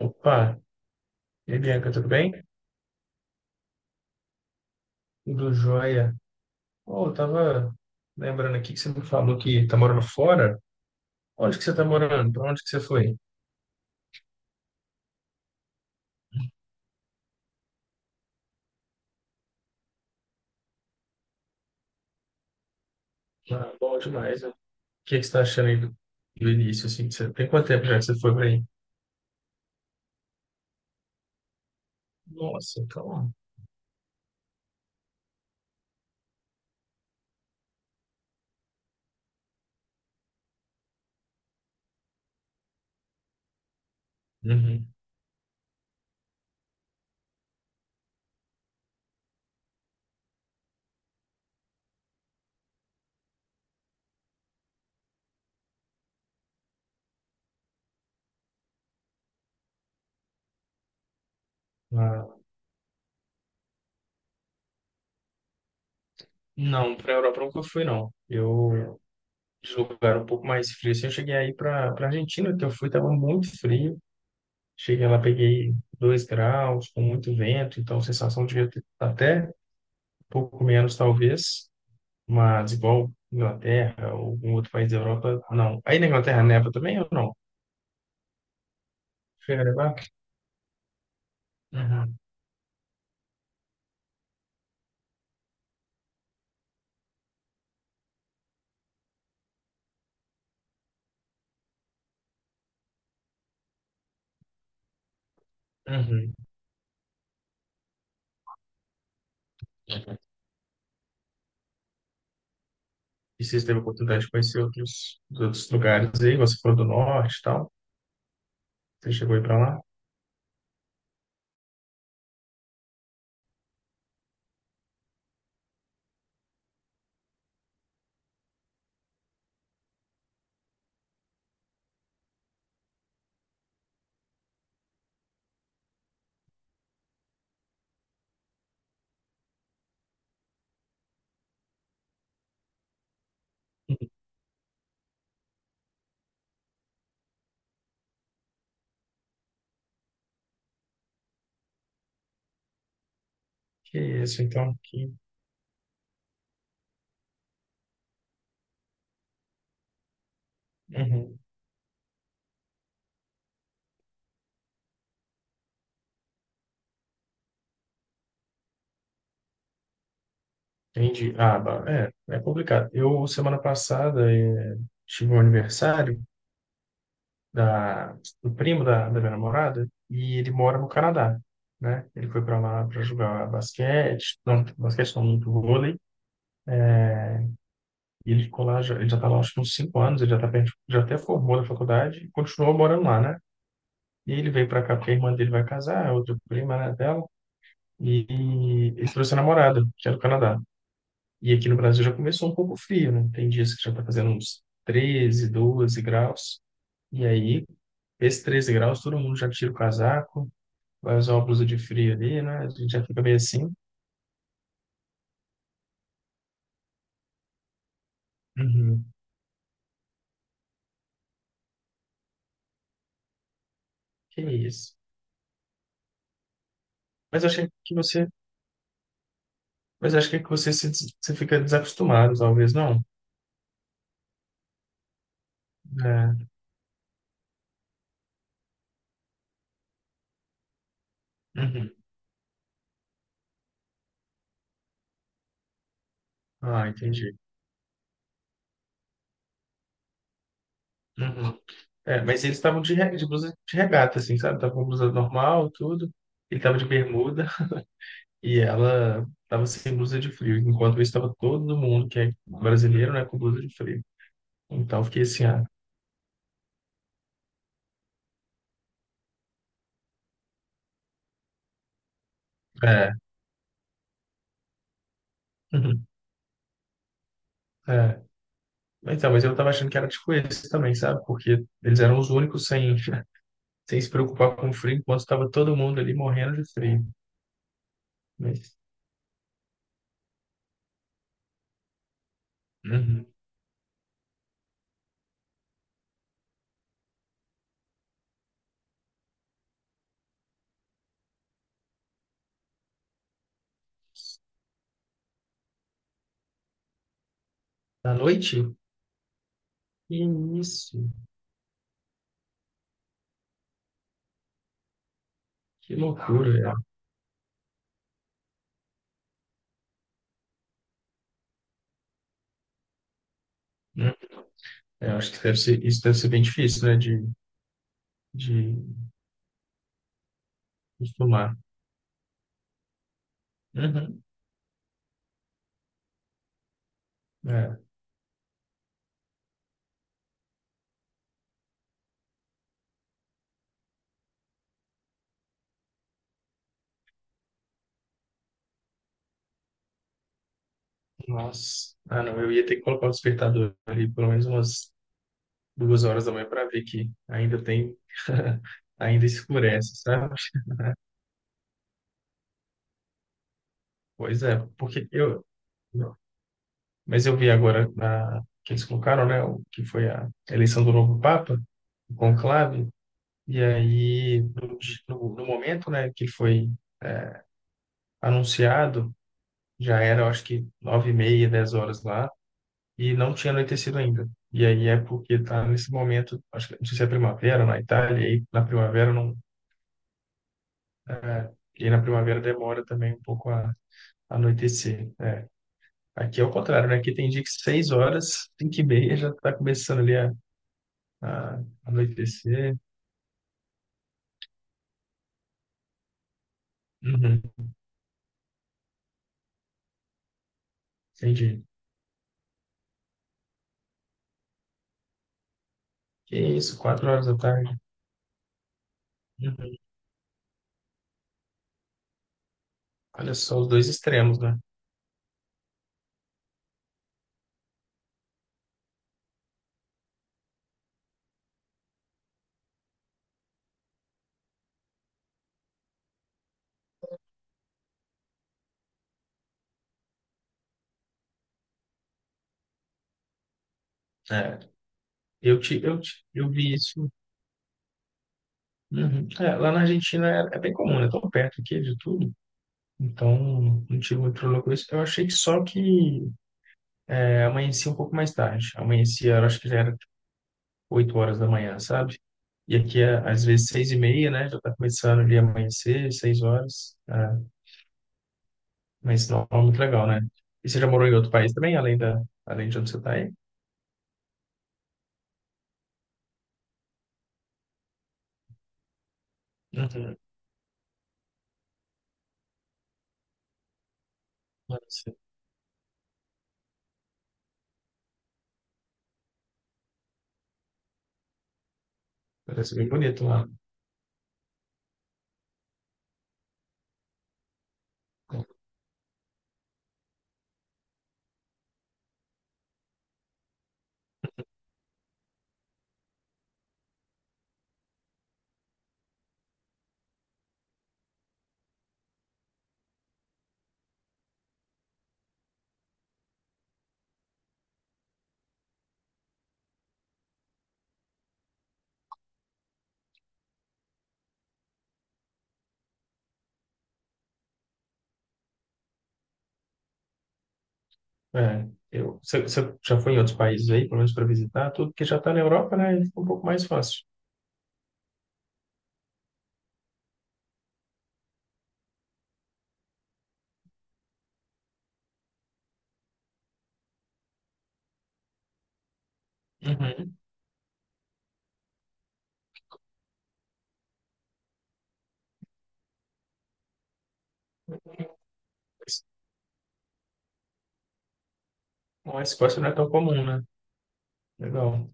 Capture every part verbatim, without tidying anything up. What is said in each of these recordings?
Opa, e aí, Bianca, tudo bem? Tudo jóia. Oh, eu tava lembrando aqui que você me falou que tá morando fora. Onde que você tá morando? Pra onde que você foi? Ah, bom demais, né? O que que você tá achando aí do, do início, assim? Que Você, tem quanto tempo já que você foi pra aí? Nossa, então... Uhum. Ah, não, pra Europa eu nunca fui, não. Eu, de lugar um pouco mais frio, assim, eu cheguei aí pra, pra Argentina, que eu fui, tava muito frio. Cheguei lá, peguei dois graus, com muito vento, então a sensação de até pouco menos talvez, mas igual Inglaterra ou algum outro país da Europa, não. Aí na Inglaterra neva também ou não? Chega a nevar? Uhum. Uhum. E vocês teve a oportunidade de conhecer outros, outros lugares aí? Você falou do norte e tal? Você chegou aí pra lá? Que isso, então, que... Uhum. Entendi. Ah, ba- é, é complicado. Eu, semana passada, eh, tive um aniversário da, do primo da, da minha namorada e ele mora no Canadá, né? Ele foi para lá para jogar basquete, não, basquete não, muito vôlei, e ele ficou lá, já, ele já tá lá acho que uns cinco anos, ele já tá perto, já até formou na faculdade e continuou morando lá, né? E ele veio para cá porque a irmã dele vai casar, a outra prima, né, dela, e ele trouxe a namorada, que é do Canadá. E aqui no Brasil já começou um pouco frio, né? Tem dias que já tá fazendo uns treze, doze graus, e aí, esses treze graus, todo mundo já tira o casaco, vai usar uma blusa de frio ali, né? A gente já fica meio assim. Uhum. Que isso. Mas eu achei que você, mas eu acho que você se, des- você fica desacostumado, talvez não. É. Uhum. Ah, entendi. Uhum. É, mas eles estavam de, re- de blusa de regata, assim, sabe? Tava com blusa normal, tudo. Ele tava de bermuda e ela tava sem blusa de frio. Enquanto isso, tava todo mundo que é brasileiro, né, com blusa de frio. Então, eu fiquei assim, ah, é. É. Então, mas eu tava achando que era tipo esse também, sabe? Porque eles eram os únicos sem, sem se preocupar com o frio, enquanto tava todo mundo ali morrendo de frio. Mas, uhum. À noite? Que isso, que loucura, é. Hum. É, acho que deve ser, isso deve ser bem difícil, né? De, de acostumar. Uhum. É. Nossa. Ah, não, eu ia ter que colocar o despertador ali pelo menos umas duas horas da manhã para ver que ainda tem, ainda escurece, sabe? Pois é, porque eu, mas eu vi agora na- que eles colocaram, né, o que foi a eleição do novo Papa, o conclave, e aí, no, di- no- no momento, né, que ele foi é, anunciado, já era, eu acho que, nove e meia, dez horas lá, e não tinha anoitecido ainda. E aí é porque está nesse momento, acho que, não sei se é primavera na Itália, e aí na primavera não, é, e aí na primavera demora também um pouco a a anoitecer. É. Aqui é o contrário, né? Aqui tem dia que seis horas, cinco e meia, já está começando ali. Ah, anoitecer. Uhum, entendi. Que isso, quatro horas da tarde. Uhum. Olha só os dois extremos, né? É, eu te, eu te, eu vi isso. Uhum. É, lá na Argentina é, é bem comum, é tão perto aqui de tudo. Então, não tive muito problema com isso. Eu achei que só que é, amanhecia um pouco mais tarde. Amanhecia, eu acho que já era tipo, oito horas da manhã, sabe? E aqui, é, às vezes, seis e meia, né? Já tá começando ali a amanhecer, seis horas. Menstrual é muito legal, né? E você já morou em outro país também, além da, além de onde você está aí? Uhum. Parece. Parece bem bonito lá. É, eu, você, você já foi em outros países aí, pelo menos para visitar, tudo que já está na Europa, né? Fica um pouco mais fácil. Uhum. Bom, a Escócia não é tão comum, né? Legal.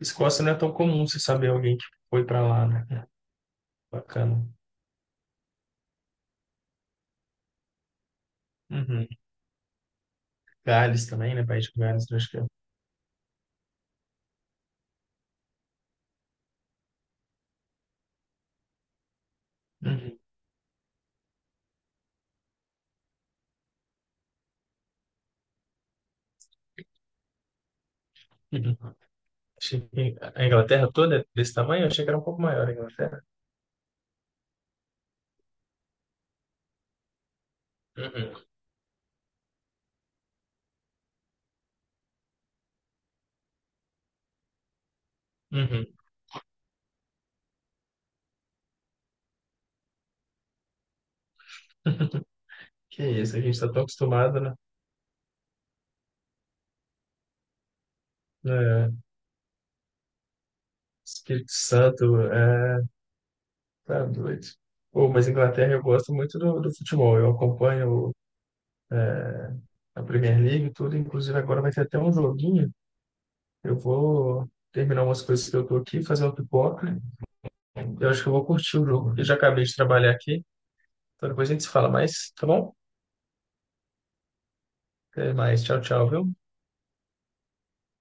Escócia não é tão comum você saber alguém que foi para lá, né? É, bacana. Uhum. Gales também, né? País de Gales, eu acho que é. Uhum. Uhum. Achei que a Inglaterra toda é desse tamanho, eu achei que era um pouco maior a Inglaterra. Uhum. Uhum. Que isso, a gente está tão acostumado, né? É, Espírito Santo, é, tá doido. Pô, mas Inglaterra eu gosto muito do, do futebol, eu acompanho a Premier League e tudo, inclusive agora vai ter até um joguinho, eu vou terminar umas coisas que eu tô aqui, fazer uma pipoca, eu acho que eu vou curtir o jogo, eu já acabei de trabalhar aqui, então depois a gente se fala mais, tá bom? Até mais, tchau, tchau, viu?